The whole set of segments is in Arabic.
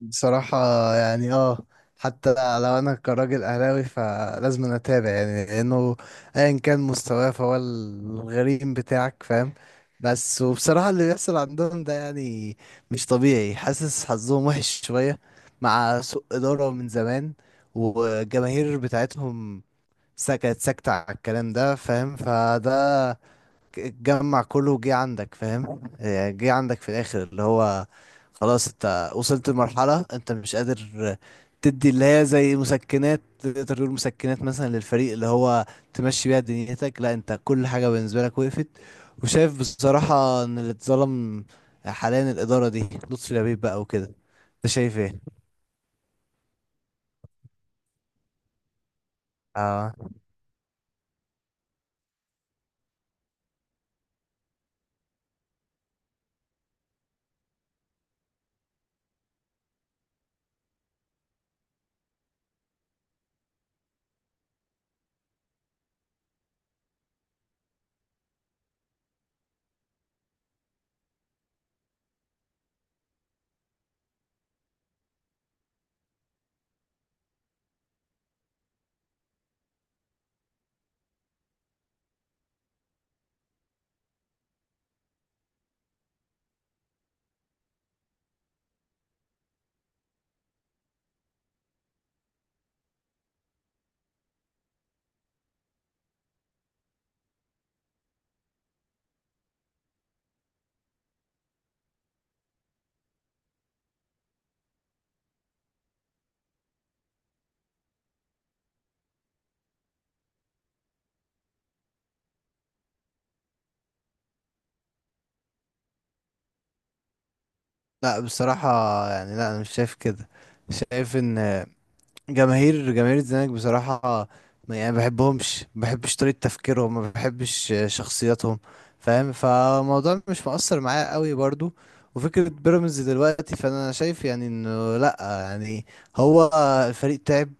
بصراحة، يعني اه حتى لو انا كراجل اهلاوي فلازم أنا اتابع، يعني لانه ايا كان مستواه فهو الغريم بتاعك، فاهم؟ بس وبصراحة اللي بيحصل عندهم ده يعني مش طبيعي. حاسس حظهم وحش شوية مع سوء إدارة من زمان، والجماهير بتاعتهم كانت ساكتة على الكلام ده، فاهم؟ فده جمع كله وجه عندك، فاهم؟ يعني جه عندك في الاخر اللي هو خلاص انت وصلت لمرحلة انت مش قادر تدي اللي هي زي مسكنات، تقدر تقول مسكنات مثلا للفريق، اللي هو تمشي بيها دنيتك. لا، انت كل حاجة بالنسبة لك وقفت. وشايف بصراحة ان اللي اتظلم حاليا الإدارة دي، لطفي لبيب بقى وكده. انت شايف ايه؟ اه، لا بصراحة، يعني لا انا مش شايف كده. شايف ان جماهير الزمالك بصراحة يعني ما بحبهمش، ما بحبش طريقة تفكيرهم، ما بحبش شخصياتهم، فاهم؟ فالموضوع مش مؤثر معايا قوي برضو. وفكرة بيراميدز دلوقتي، فأنا شايف يعني إنه لأ، يعني هو الفريق تعب.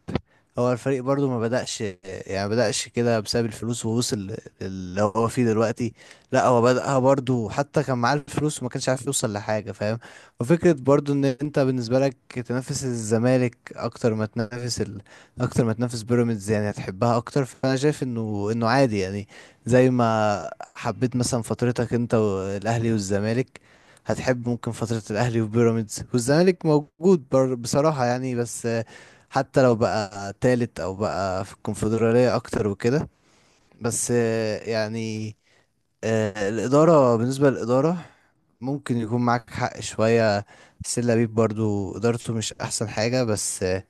هو الفريق برضو ما بدأش، يعني ما بدأش كده بسبب الفلوس ووصل اللي هو فيه دلوقتي. لأ، هو بدأها برضو، حتى كان معاه الفلوس وما كانش عارف يوصل لحاجة، فاهم؟ وفكرة برضو ان انت بالنسبة لك تنافس الزمالك اكتر ما تنافس ال... اكتر ما تنافس بيراميدز، يعني هتحبها اكتر. فانا شايف انه عادي يعني. زي ما حبيت مثلا فترتك انت والاهلي والزمالك، هتحب ممكن فترة الاهلي وبيراميدز والزمالك موجود بر... بصراحة يعني، بس حتى لو بقى تالت او بقى في الكونفدرالية اكتر وكده. بس الإدارة، بالنسبة للإدارة ممكن يكون معاك حق شوية. سيلا بيب برضو إدارته مش أحسن حاجة، بس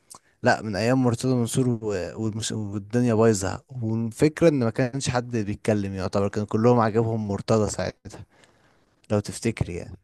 لا، من أيام مرتضى منصور والدنيا بايظة، والفكرة إن ما كانش حد بيتكلم، يعتبر كان كلهم عاجبهم مرتضى ساعتها. لو تفتكري يعني.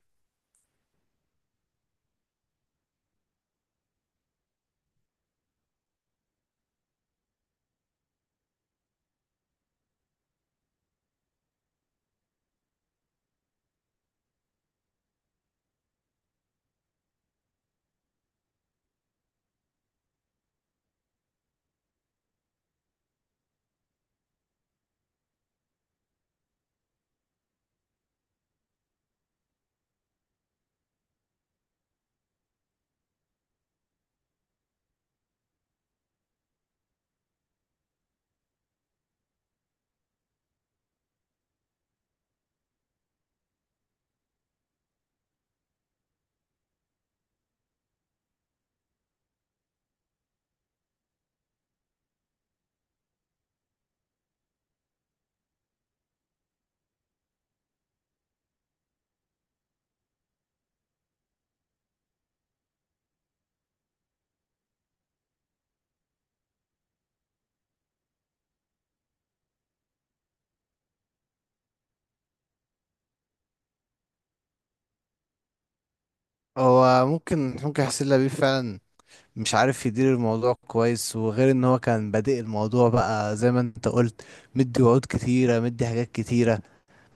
هو ممكن سيلا بيب فعلا مش عارف يدير الموضوع كويس، وغير إن هو كان بادئ الموضوع بقى زي ما أنت قلت، مدي وعود كتيرة، مدي حاجات كتيرة.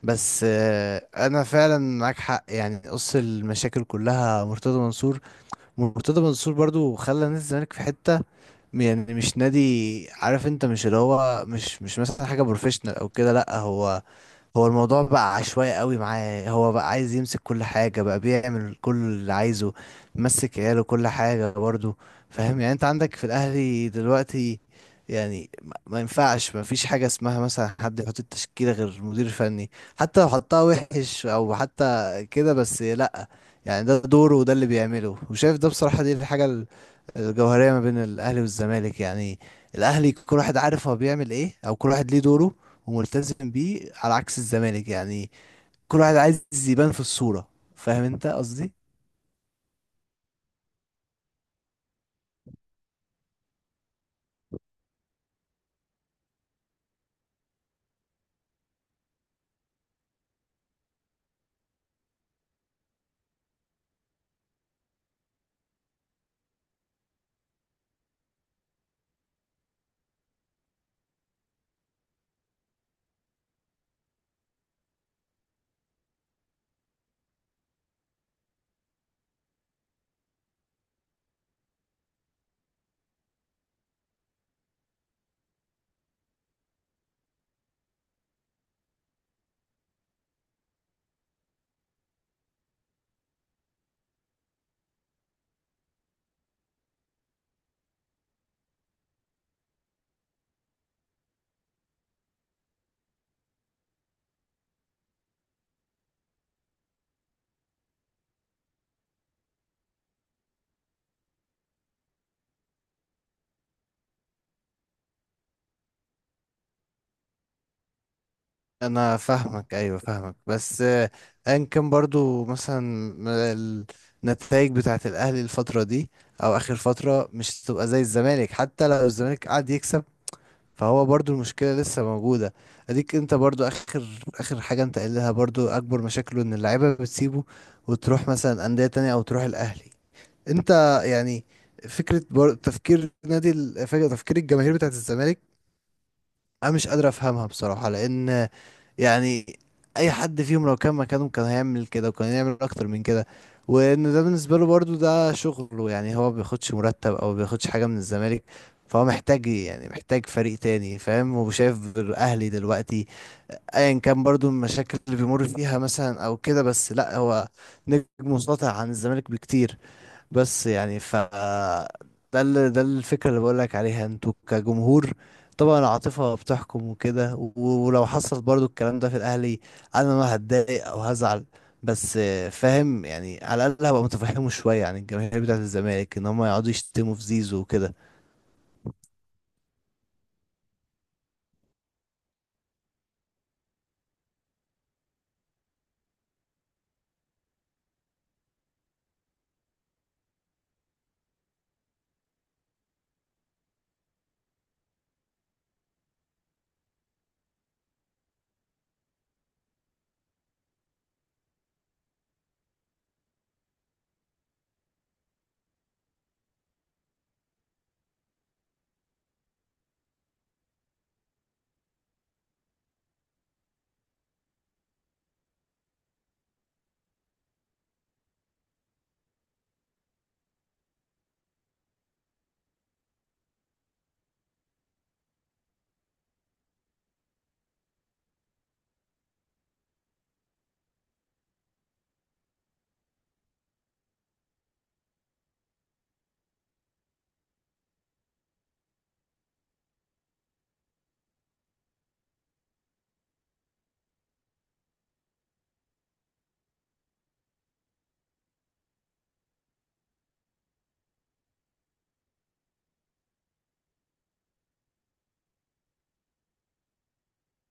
بس انا فعلا معاك حق، يعني قص المشاكل كلها مرتضى منصور. مرتضى منصور برضو خلى نادي الزمالك في حتة يعني مش نادي. عارف انت، مش اللي هو مش مثلا حاجة بروفيشنال او كده. لا، هو هو الموضوع بقى عشوائي قوي معاه. هو بقى عايز يمسك كل حاجة، بقى بيعمل كل اللي عايزه، مسك عياله كل حاجة برضه. فاهم يعني؟ انت عندك في الاهلي دلوقتي، يعني ما ينفعش، ما فيش حاجة اسمها مثلا حد يحط التشكيلة غير مدير فني، حتى لو حطها وحش او حتى كده. بس لا، يعني ده دوره وده اللي بيعمله. وشايف ده بصراحة، دي الحاجة الجوهرية ما بين الاهلي والزمالك يعني. الاهلي كل واحد عارف هو بيعمل ايه، او كل واحد ليه دوره وملتزم بيه، على عكس الزمالك يعني، كل واحد عايز يبان في الصورة. فاهم انت قصدي؟ انا فاهمك، ايوه فاهمك، بس ايا كان برضو مثلا النتائج بتاعت الاهلي الفترة دي او اخر فترة مش هتبقى زي الزمالك، حتى لو الزمالك قعد يكسب. فهو برضو المشكلة لسه موجودة. اديك انت برضو اخر حاجة انت قايلها، برضو اكبر مشاكله ان اللعيبة بتسيبه وتروح مثلا اندية تانية او تروح الاهلي. انت يعني فكره بر... تفكير نادي فكرة تفكير الجماهير بتاعت الزمالك انا مش قادر افهمها بصراحه، لان يعني اي حد فيهم لو كان مكانهم كان هيعمل كده، وكان هيعمل اكتر من كده. وان ده بالنسبه له برضو ده شغله، يعني هو ما بياخدش مرتب او ما بياخدش حاجه من الزمالك. فهو محتاج إيه؟ يعني محتاج فريق تاني. فاهم؟ هو شايف الاهلي دلوقتي ايا كان برضو المشاكل اللي بيمر فيها مثلا او كده، بس لا، هو نجم مسيطر عن الزمالك بكتير. بس يعني ف ده ال... ده الفكرة اللي بقولك عليها. انتوا كجمهور طبعا العاطفة بتحكم وكده. ولو حصل برضو الكلام ده في الأهلي، أنا ما هتضايق أو هزعل. بس فاهم يعني على الأقل هبقى متفهمه شوية عن الجماهير بتاعة الزمالك، إن هم يقعدوا يشتموا في زيزو وكده.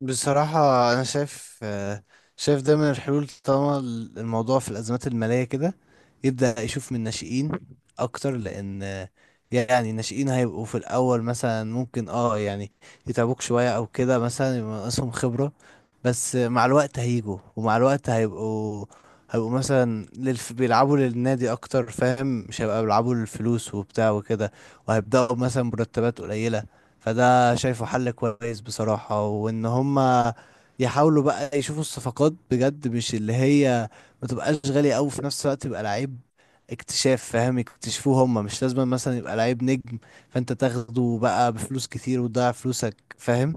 بصراحة أنا شايف شايف ده من الحلول. طالما الموضوع في الأزمات المالية كده، يبدأ يشوف من الناشئين أكتر. لأن يعني الناشئين هيبقوا في الأول مثلا، ممكن يعني يتعبوك شوية أو كده، مثلا يبقى ناقصهم خبرة، بس مع الوقت هيجوا، ومع الوقت هيبقوا مثلا للف... بيلعبوا للنادي أكتر، فاهم؟ مش هيبقى بيلعبوا للفلوس وبتاع وكده. وهيبدأوا مثلا مرتبات قليلة. فده شايفه حل كويس بصراحة. وان هما يحاولوا بقى يشوفوا الصفقات بجد، مش اللي هي ما تبقاش غالية قوي. في نفس الوقت يبقى لعيب اكتشاف، فاهم؟ يكتشفوه هما. مش لازم مثلا يبقى لعيب نجم فانت تاخده بقى بفلوس كتير وتضيع فلوسك، فاهم؟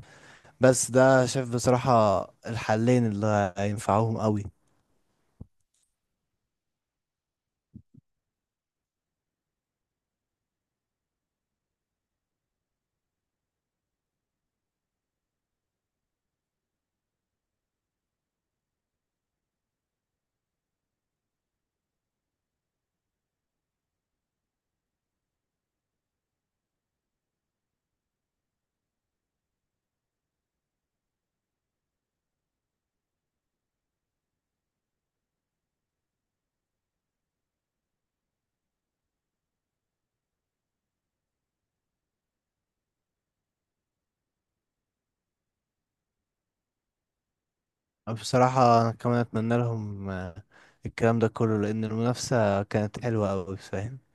بس ده شايف بصراحة الحلين اللي هينفعوهم قوي. بصراحة انا كمان اتمنى لهم الكلام ده كله، لان المنافسة كانت حلوة قوي، فاهم؟